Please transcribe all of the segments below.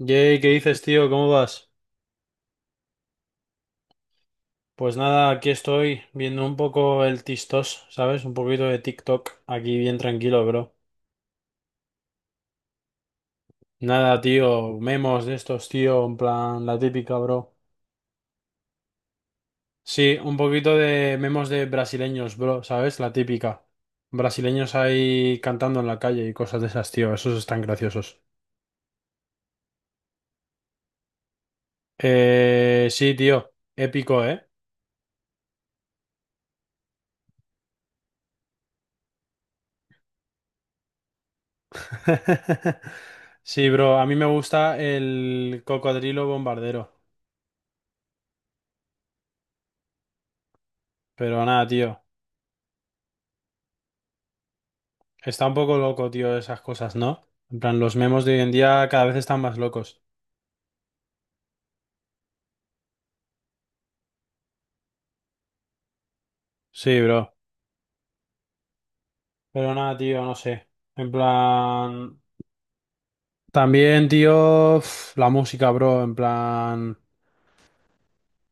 Jay, ¿qué dices, tío? ¿Cómo vas? Pues nada, aquí estoy viendo un poco el TikTok, ¿sabes? Un poquito de TikTok, aquí bien tranquilo, bro. Nada, tío, memos de estos, tío, en plan, la típica, bro. Sí, un poquito de memos de brasileños, bro, ¿sabes? La típica. Brasileños ahí cantando en la calle y cosas de esas, tío, esos están graciosos. Sí, tío, épico, ¿eh? Sí, bro, a mí me gusta el cocodrilo bombardero. Pero nada, tío. Está un poco loco, tío, esas cosas, ¿no? En plan, los memes de hoy en día cada vez están más locos. Sí, bro. Pero nada, tío, no sé. En plan... También, tío, la música, bro. En plan...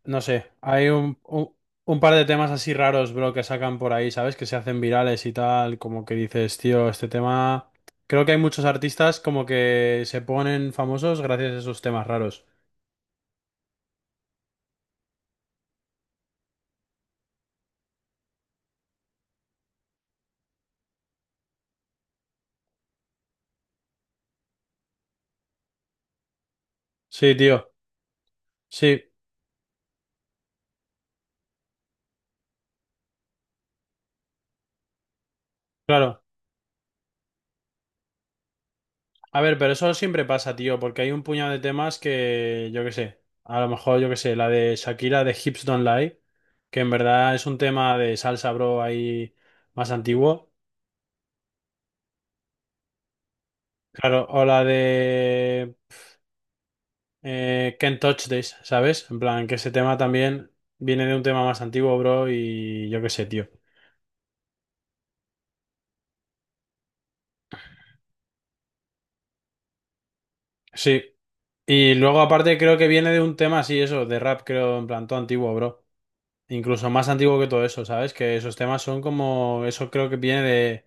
No sé. Hay un par de temas así raros, bro, que sacan por ahí, ¿sabes? Que se hacen virales y tal. Como que dices, tío, este tema... Creo que hay muchos artistas como que se ponen famosos gracias a esos temas raros. Sí, tío. Sí, claro. A ver, pero eso siempre pasa, tío, porque hay un puñado de temas que, yo qué sé, a lo mejor, yo qué sé, la de Shakira de Hips Don't Lie, que en verdad es un tema de salsa, bro, ahí más antiguo. Claro, o la de Can't Touch This, ¿sabes? En plan, que ese tema también viene de un tema más antiguo, bro, y yo qué sé, tío. Sí, y luego aparte creo que viene de un tema así, eso, de rap, creo, en plan, todo antiguo, bro. Incluso más antiguo que todo eso, ¿sabes? Que esos temas son como, eso creo que viene de...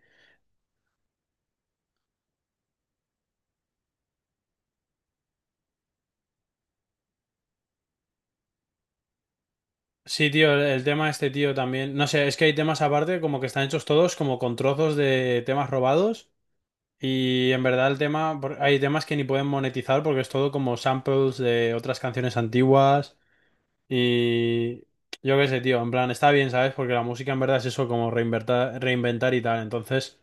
Sí, tío, el tema este tío también. No sé, es que hay temas aparte como que están hechos todos como con trozos de temas robados y en verdad el tema, hay temas que ni pueden monetizar porque es todo como samples de otras canciones antiguas y yo qué sé, tío, en plan, está bien, ¿sabes? Porque la música en verdad es eso como reinventar, reinventar y tal. Entonces,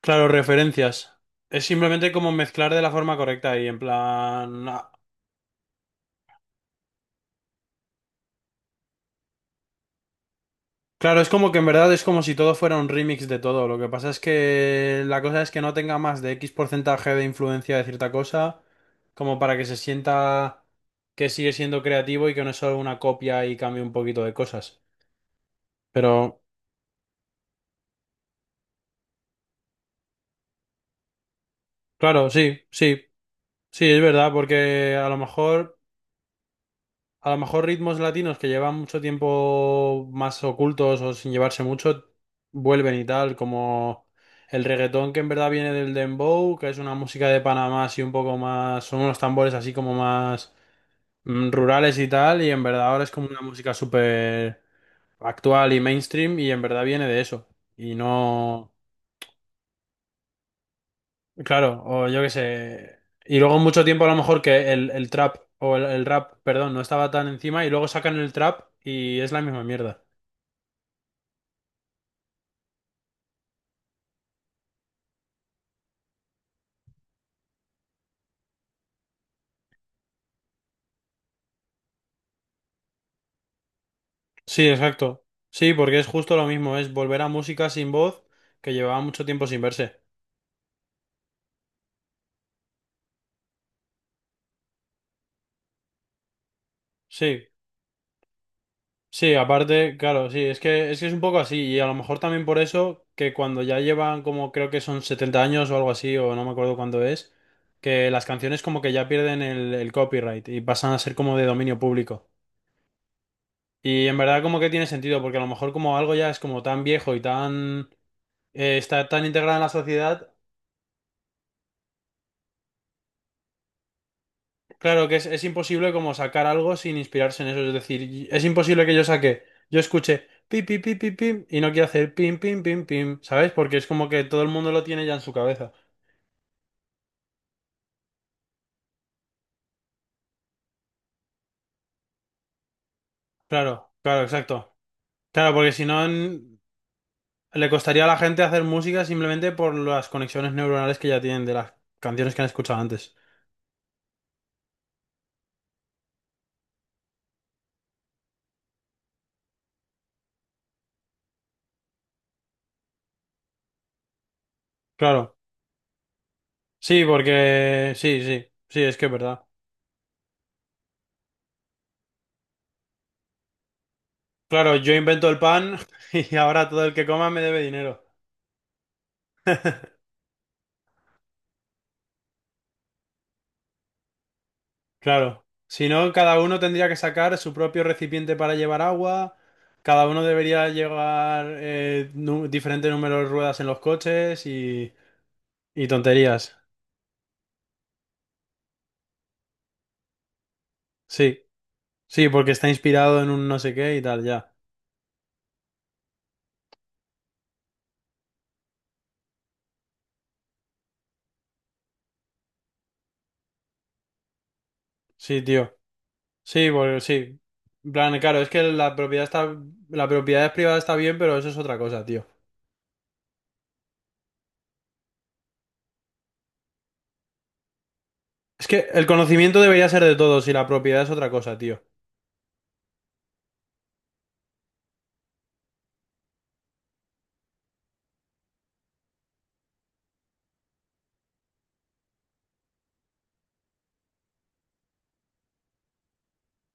claro, referencias. Es simplemente como mezclar de la forma correcta y en plan, claro, es como que en verdad es como si todo fuera un remix de todo. Lo que pasa es que la cosa es que no tenga más de X porcentaje de influencia de cierta cosa, como para que se sienta que sigue siendo creativo y que no es solo una copia y cambie un poquito de cosas. Pero, claro, sí, sí, sí, es verdad, porque a lo mejor... A lo mejor ritmos latinos que llevan mucho tiempo más ocultos o sin llevarse mucho, vuelven y tal, como el reggaetón que en verdad viene del dembow, que es una música de Panamá así un poco más, son unos tambores así como más rurales y tal, y en verdad ahora es como una música súper actual y mainstream y en verdad viene de eso. Y no, claro, o yo qué sé. Y luego mucho tiempo a lo mejor que el trap o el rap, perdón, no estaba tan encima y luego sacan el trap y es la misma mierda. Sí, exacto. Sí, porque es justo lo mismo, es volver a música sin voz que llevaba mucho tiempo sin verse. Sí, sí, aparte, claro, sí, es que es un poco así y a lo mejor también por eso que cuando ya llevan como creo que son 70 años o algo así o no me acuerdo cuándo es, que las canciones como que ya pierden el copyright y pasan a ser como de dominio público. Y en verdad como que tiene sentido porque a lo mejor como algo ya es como tan viejo y tan está tan integrado en la sociedad. Claro que es imposible como sacar algo sin inspirarse en eso. Es decir, es imposible que yo saque, yo escuche pim, pim, pim, pim, pim y no quiera hacer pim, pim, pim, pim, ¿sabes? Porque es como que todo el mundo lo tiene ya en su cabeza. Claro, claro, exacto. Claro, porque si no le costaría a la gente hacer música simplemente por las conexiones neuronales que ya tienen de las canciones que han escuchado antes. Claro, sí, porque sí, sí, sí, es que es verdad. Claro, yo invento el pan y ahora todo el que coma me debe dinero. Claro, si no, cada uno tendría que sacar su propio recipiente para llevar agua, cada uno debería llevar diferente número de ruedas en los coches y tonterías. Sí, sí, porque está inspirado en un no sé qué y tal, ya. Sí, tío. Sí, porque sí. En plan, claro, es que la propiedad está, la propiedad privada está bien, pero eso es otra cosa, tío. Es que el conocimiento debería ser de todos y la propiedad es otra cosa, tío.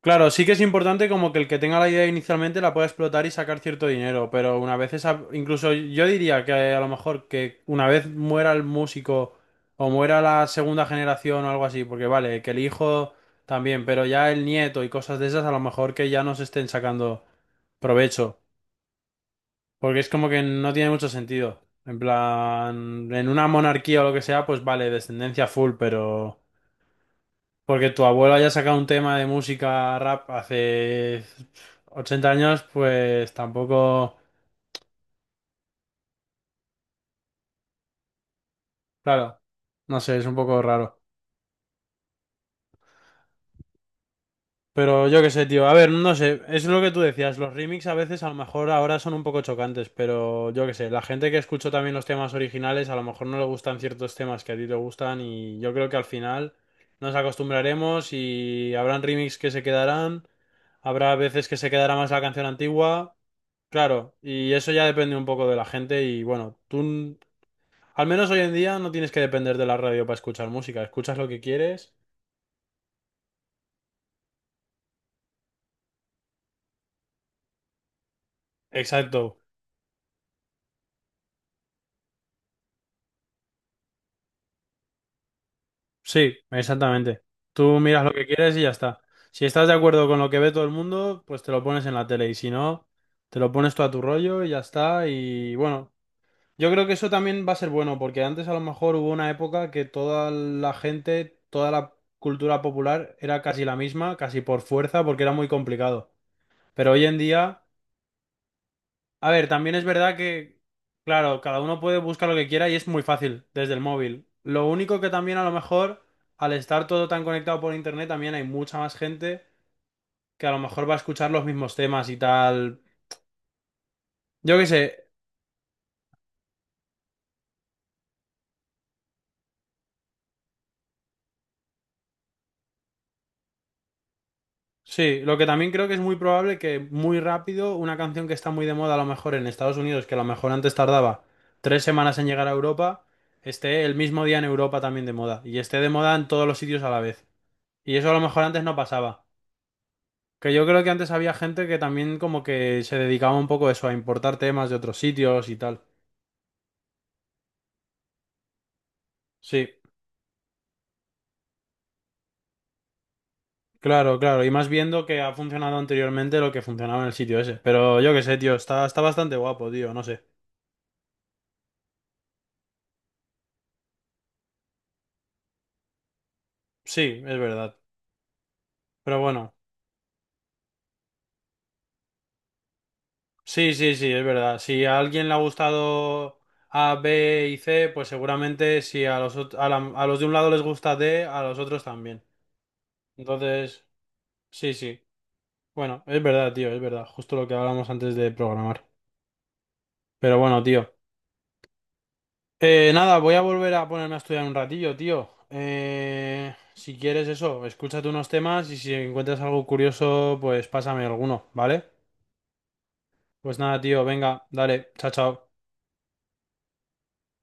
Claro, sí que es importante como que el que tenga la idea inicialmente la pueda explotar y sacar cierto dinero, pero una vez esa, incluso yo diría que a lo mejor que una vez muera el músico o muera la segunda generación o algo así, porque vale, que el hijo también, pero ya el nieto y cosas de esas a lo mejor que ya no se estén sacando provecho, porque es como que no tiene mucho sentido. En plan, en una monarquía o lo que sea, pues vale, descendencia full, pero... Porque tu abuelo haya sacado un tema de música rap hace 80 años, pues tampoco, claro, no sé, es un poco raro. Pero yo qué sé, tío. A ver, no sé, es lo que tú decías, los remix a veces a lo mejor ahora son un poco chocantes, pero yo qué sé, la gente que escuchó también los temas originales a lo mejor no le gustan ciertos temas que a ti te gustan y yo creo que al final nos acostumbraremos y habrán remix que se quedarán, habrá veces que se quedará más la canción antigua. Claro, y eso ya depende un poco de la gente y bueno, al menos hoy en día no tienes que depender de la radio para escuchar música, escuchas lo que quieres. Exacto. Sí, exactamente. Tú miras lo que quieres y ya está. Si estás de acuerdo con lo que ve todo el mundo, pues te lo pones en la tele y si no, te lo pones tú a tu rollo y ya está. Y bueno, yo creo que eso también va a ser bueno porque antes a lo mejor hubo una época que toda la gente, toda la cultura popular era casi la misma, casi por fuerza, porque era muy complicado. Pero hoy en día... A ver, también es verdad que, claro, cada uno puede buscar lo que quiera y es muy fácil desde el móvil. Lo único que también a lo mejor, al estar todo tan conectado por internet, también hay mucha más gente que a lo mejor va a escuchar los mismos temas y tal. Yo qué sé, sí, lo que también creo que es muy probable que muy rápido una canción que está muy de moda a lo mejor en Estados Unidos, que a lo mejor antes tardaba 3 semanas en llegar a Europa, esté el mismo día en Europa también de moda y esté de moda en todos los sitios a la vez. Y eso a lo mejor antes no pasaba. Que yo creo que antes había gente que también como que se dedicaba un poco a eso, a importar temas de otros sitios y tal. Sí, claro, claro. Y más viendo que ha funcionado anteriormente lo que funcionaba en el sitio ese. Pero yo qué sé, tío, está, está bastante guapo, tío, no sé. Sí, es verdad. Pero bueno, sí, sí, sí, es verdad. Si a alguien le ha gustado A, B y C, pues seguramente si a los, a los de un lado les gusta D, a los otros también. Entonces, sí, sí. Bueno, es verdad, tío, es verdad. Justo lo que hablamos antes de programar. Pero bueno, tío. Nada, voy a volver a ponerme a estudiar un ratillo, tío. Si quieres eso, escúchate unos temas y si encuentras algo curioso, pues pásame alguno, ¿vale? Pues nada, tío, venga, dale, chao, chao.